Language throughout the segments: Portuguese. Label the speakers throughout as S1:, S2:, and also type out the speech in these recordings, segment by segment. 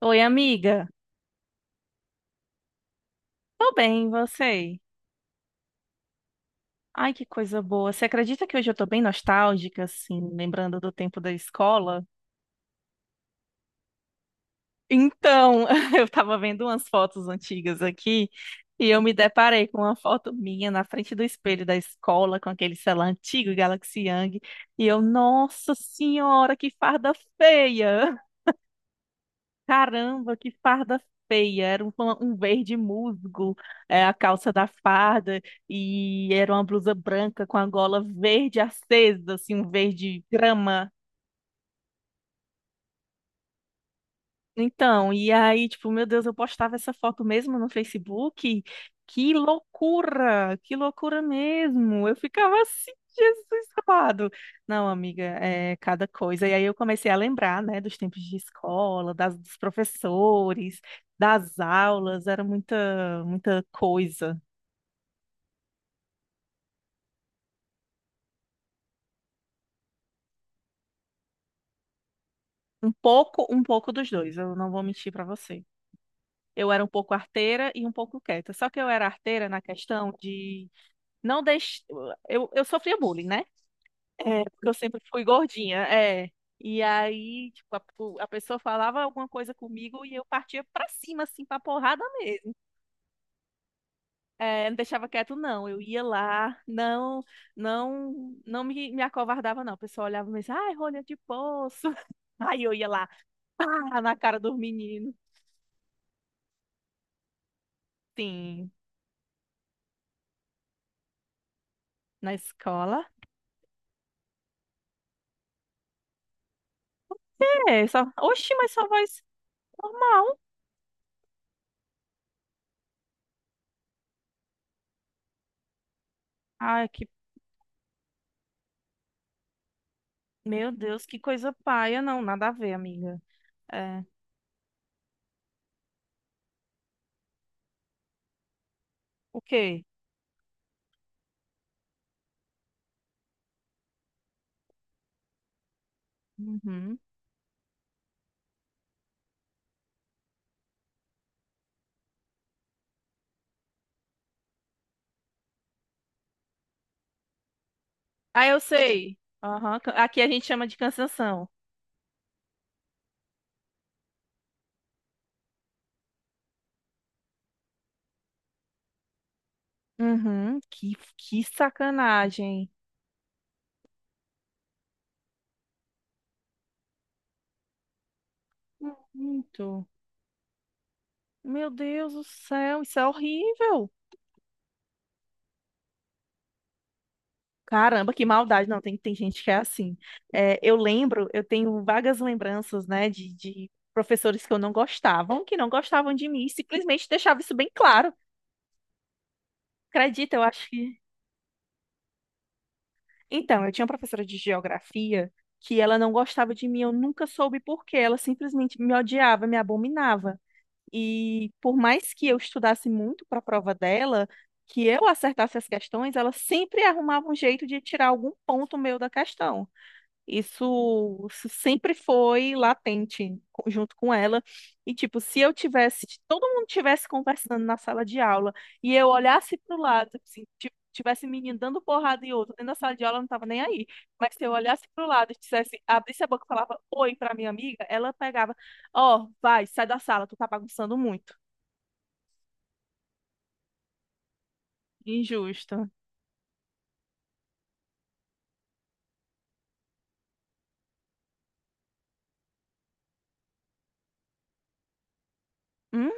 S1: Oi, amiga. Tô bem, e você? Ai, que coisa boa. Você acredita que hoje eu tô bem nostálgica, assim, lembrando do tempo da escola? Então, eu tava vendo umas fotos antigas aqui e eu me deparei com uma foto minha na frente do espelho da escola com aquele celular antigo Galaxy Young e eu, nossa senhora, que farda feia! Caramba, que farda feia! Era um verde musgo, é, a calça da farda, e era uma blusa branca com a gola verde acesa, assim, um verde grama. Então, e aí, tipo, meu Deus, eu postava essa foto mesmo no Facebook. Que loucura! Que loucura mesmo! Eu ficava assim, Jesus amado. Não, amiga, é cada coisa. E aí eu comecei a lembrar, né, dos tempos de escola, dos professores, das aulas, era muita, muita coisa. Um pouco dos dois, eu não vou mentir pra você. Eu era um pouco arteira e um pouco quieta. Só que eu era arteira na questão de não deixar. Eu sofria bullying, né? É, porque eu sempre fui gordinha, é. E aí, tipo, a pessoa falava alguma coisa comigo e eu partia pra cima, assim, pra porrada mesmo. É, não deixava quieto, não. Eu ia lá, não, não, não me acovardava, não. O pessoal olhava e dizia, ai, rolha de poço. Aí eu ia lá, pá, na cara do menino. Sim, na escola. É, só, oxi, mas só voz normal. Ai, que, meu Deus, que coisa paia. Não, nada a ver, amiga. É, o quê? Uhum. Ah, eu sei. Aham, ca- aqui a gente chama de cansanção. Uhum. Que sacanagem. Muito. Meu Deus do céu, isso é horrível. Caramba, que maldade. Não, tem gente que é assim. É, eu lembro, eu tenho vagas lembranças, né, de professores que eu não gostavam, que não gostavam de mim, e simplesmente deixava isso bem claro. Acredita, eu acho que. Então, eu tinha uma professora de geografia que ela não gostava de mim, eu nunca soube por quê. Ela simplesmente me odiava, me abominava. E por mais que eu estudasse muito para a prova dela, que eu acertasse as questões, ela sempre arrumava um jeito de tirar algum ponto meu da questão. Isso sempre foi latente co- junto com ela. E, tipo, se eu tivesse, se todo mundo tivesse conversando na sala de aula e eu olhasse pro lado, tipo assim, ti- tivesse menino dando porrada e outro dentro da sala de aula, eu não tava nem aí. Mas se eu olhasse pro lado e dissesse, abrisse a boca e falava oi pra minha amiga, ela pegava, ó, vai, sai da sala, tu tá bagunçando muito. Injusto. Hum,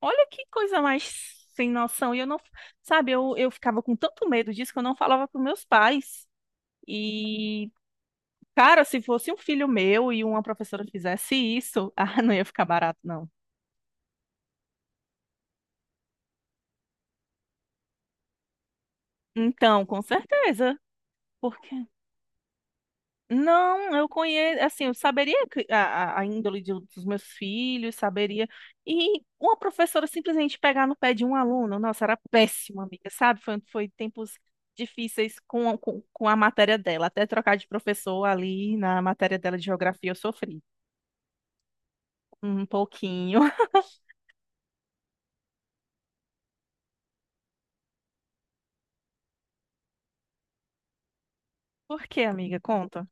S1: olha que coisa mais sem noção. E eu não, sabe, eu ficava com tanto medo disso que eu não falava pros meus pais. E, cara, se fosse um filho meu e uma professora fizesse isso, ah, não ia ficar barato, não. Então, com certeza, porque não, eu conheço, assim, eu saberia que- a índole de- dos meus filhos, saberia. E uma professora simplesmente pegar no pé de um aluno, nossa, era péssima, amiga, sabe? Foi, foi tempos difíceis com a matéria dela. Até trocar de professor ali na matéria dela de geografia, eu sofri um pouquinho. Por quê, amiga? Conta.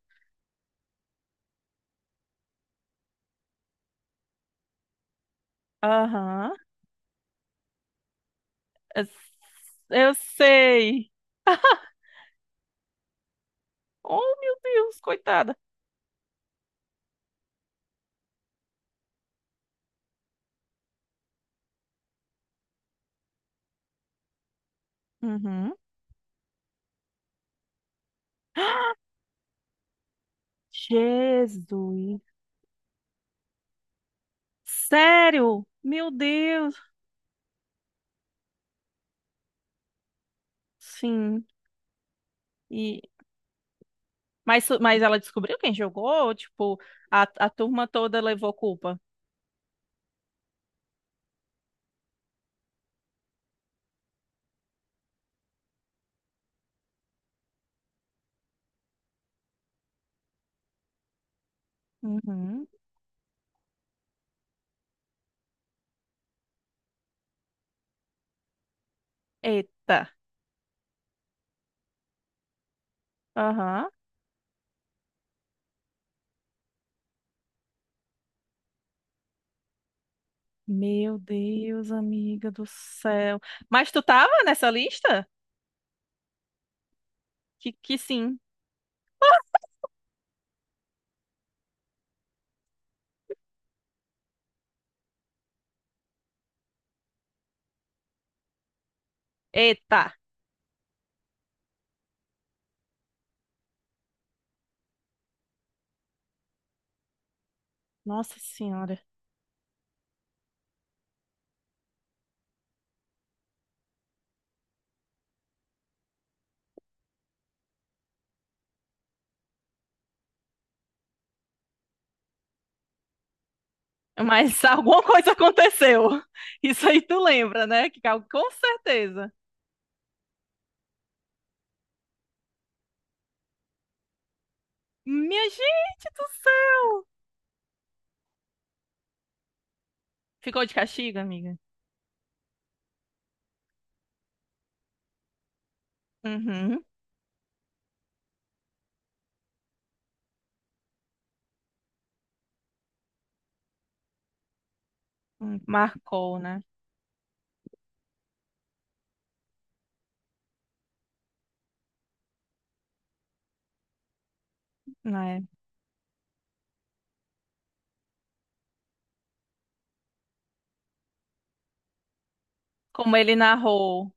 S1: Aham. Eu sei. Oh, meu Deus, coitada. Uhum. Jesus. Sério? Meu Deus. Sim. E mas ela descobriu quem jogou, tipo, a turma toda levou culpa. Uhum. Eita. Aham. Meu Deus, amiga do céu. Mas tu tava nessa lista? Que sim. Eita. Nossa Senhora. Mas alguma coisa aconteceu. Isso aí tu lembra, né? Que cal- com certeza. Minha gente do céu. Ficou de castigo, amiga? Uhum. Marcou, né? É. Como ele narrou.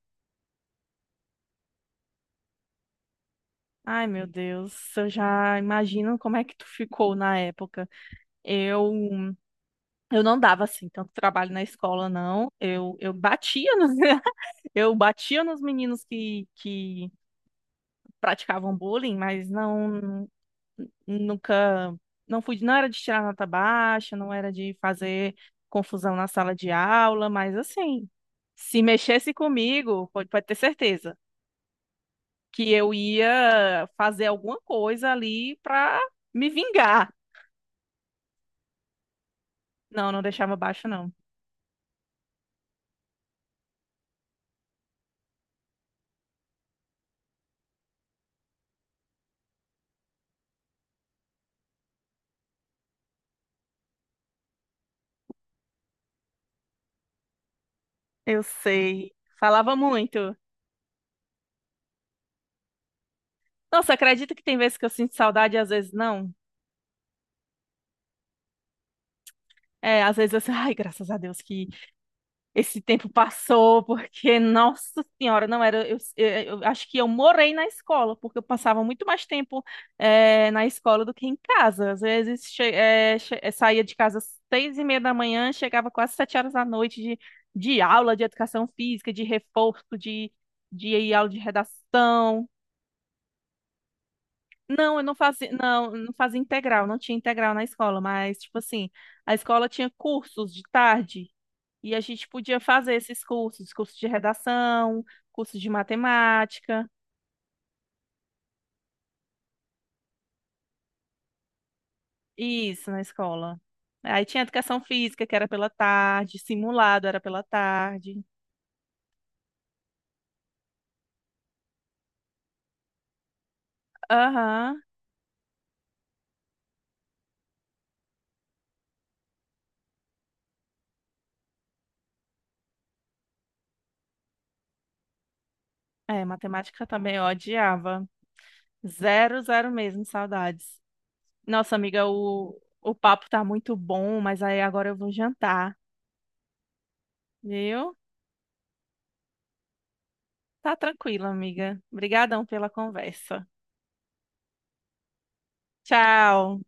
S1: Ai, meu Deus, eu já imagino como é que tu ficou na época. Eu, eu não dava assim tanto trabalho na escola, não. Eu batia nos, eu batia nos meninos que praticavam bullying, mas não nunca, não fui, não era de tirar nota baixa, não era de fazer confusão na sala de aula, mas assim, se mexesse comigo, pode ter certeza que eu ia fazer alguma coisa ali pra me vingar. Não, não deixava baixo, não. Eu sei. Falava muito. Nossa, acredita que tem vezes que eu sinto saudade e às vezes não? É, às vezes eu sinto, ai, graças a Deus que esse tempo passou porque, nossa senhora, não era. Eu eu acho que eu morei na escola, porque eu passava muito mais tempo eh, na escola do que em casa. Às vezes saía de casa às 6:30 da manhã, chegava quase 7 horas da noite de aula de educação física, de reforço, de aula de redação. Não, eu não fazia, não, não fazia integral, não tinha integral na escola, mas, tipo assim, a escola tinha cursos de tarde. E a gente podia fazer esses cursos, curso de redação, curso de matemática, isso na escola. Aí tinha educação física, que era pela tarde, simulado era pela tarde. Aham. É, matemática também eu odiava. Zero, zero mesmo, saudades. Nossa, amiga, o papo tá muito bom, mas aí agora eu vou jantar, viu? Tá tranquila, amiga. Obrigadão pela conversa. Tchau.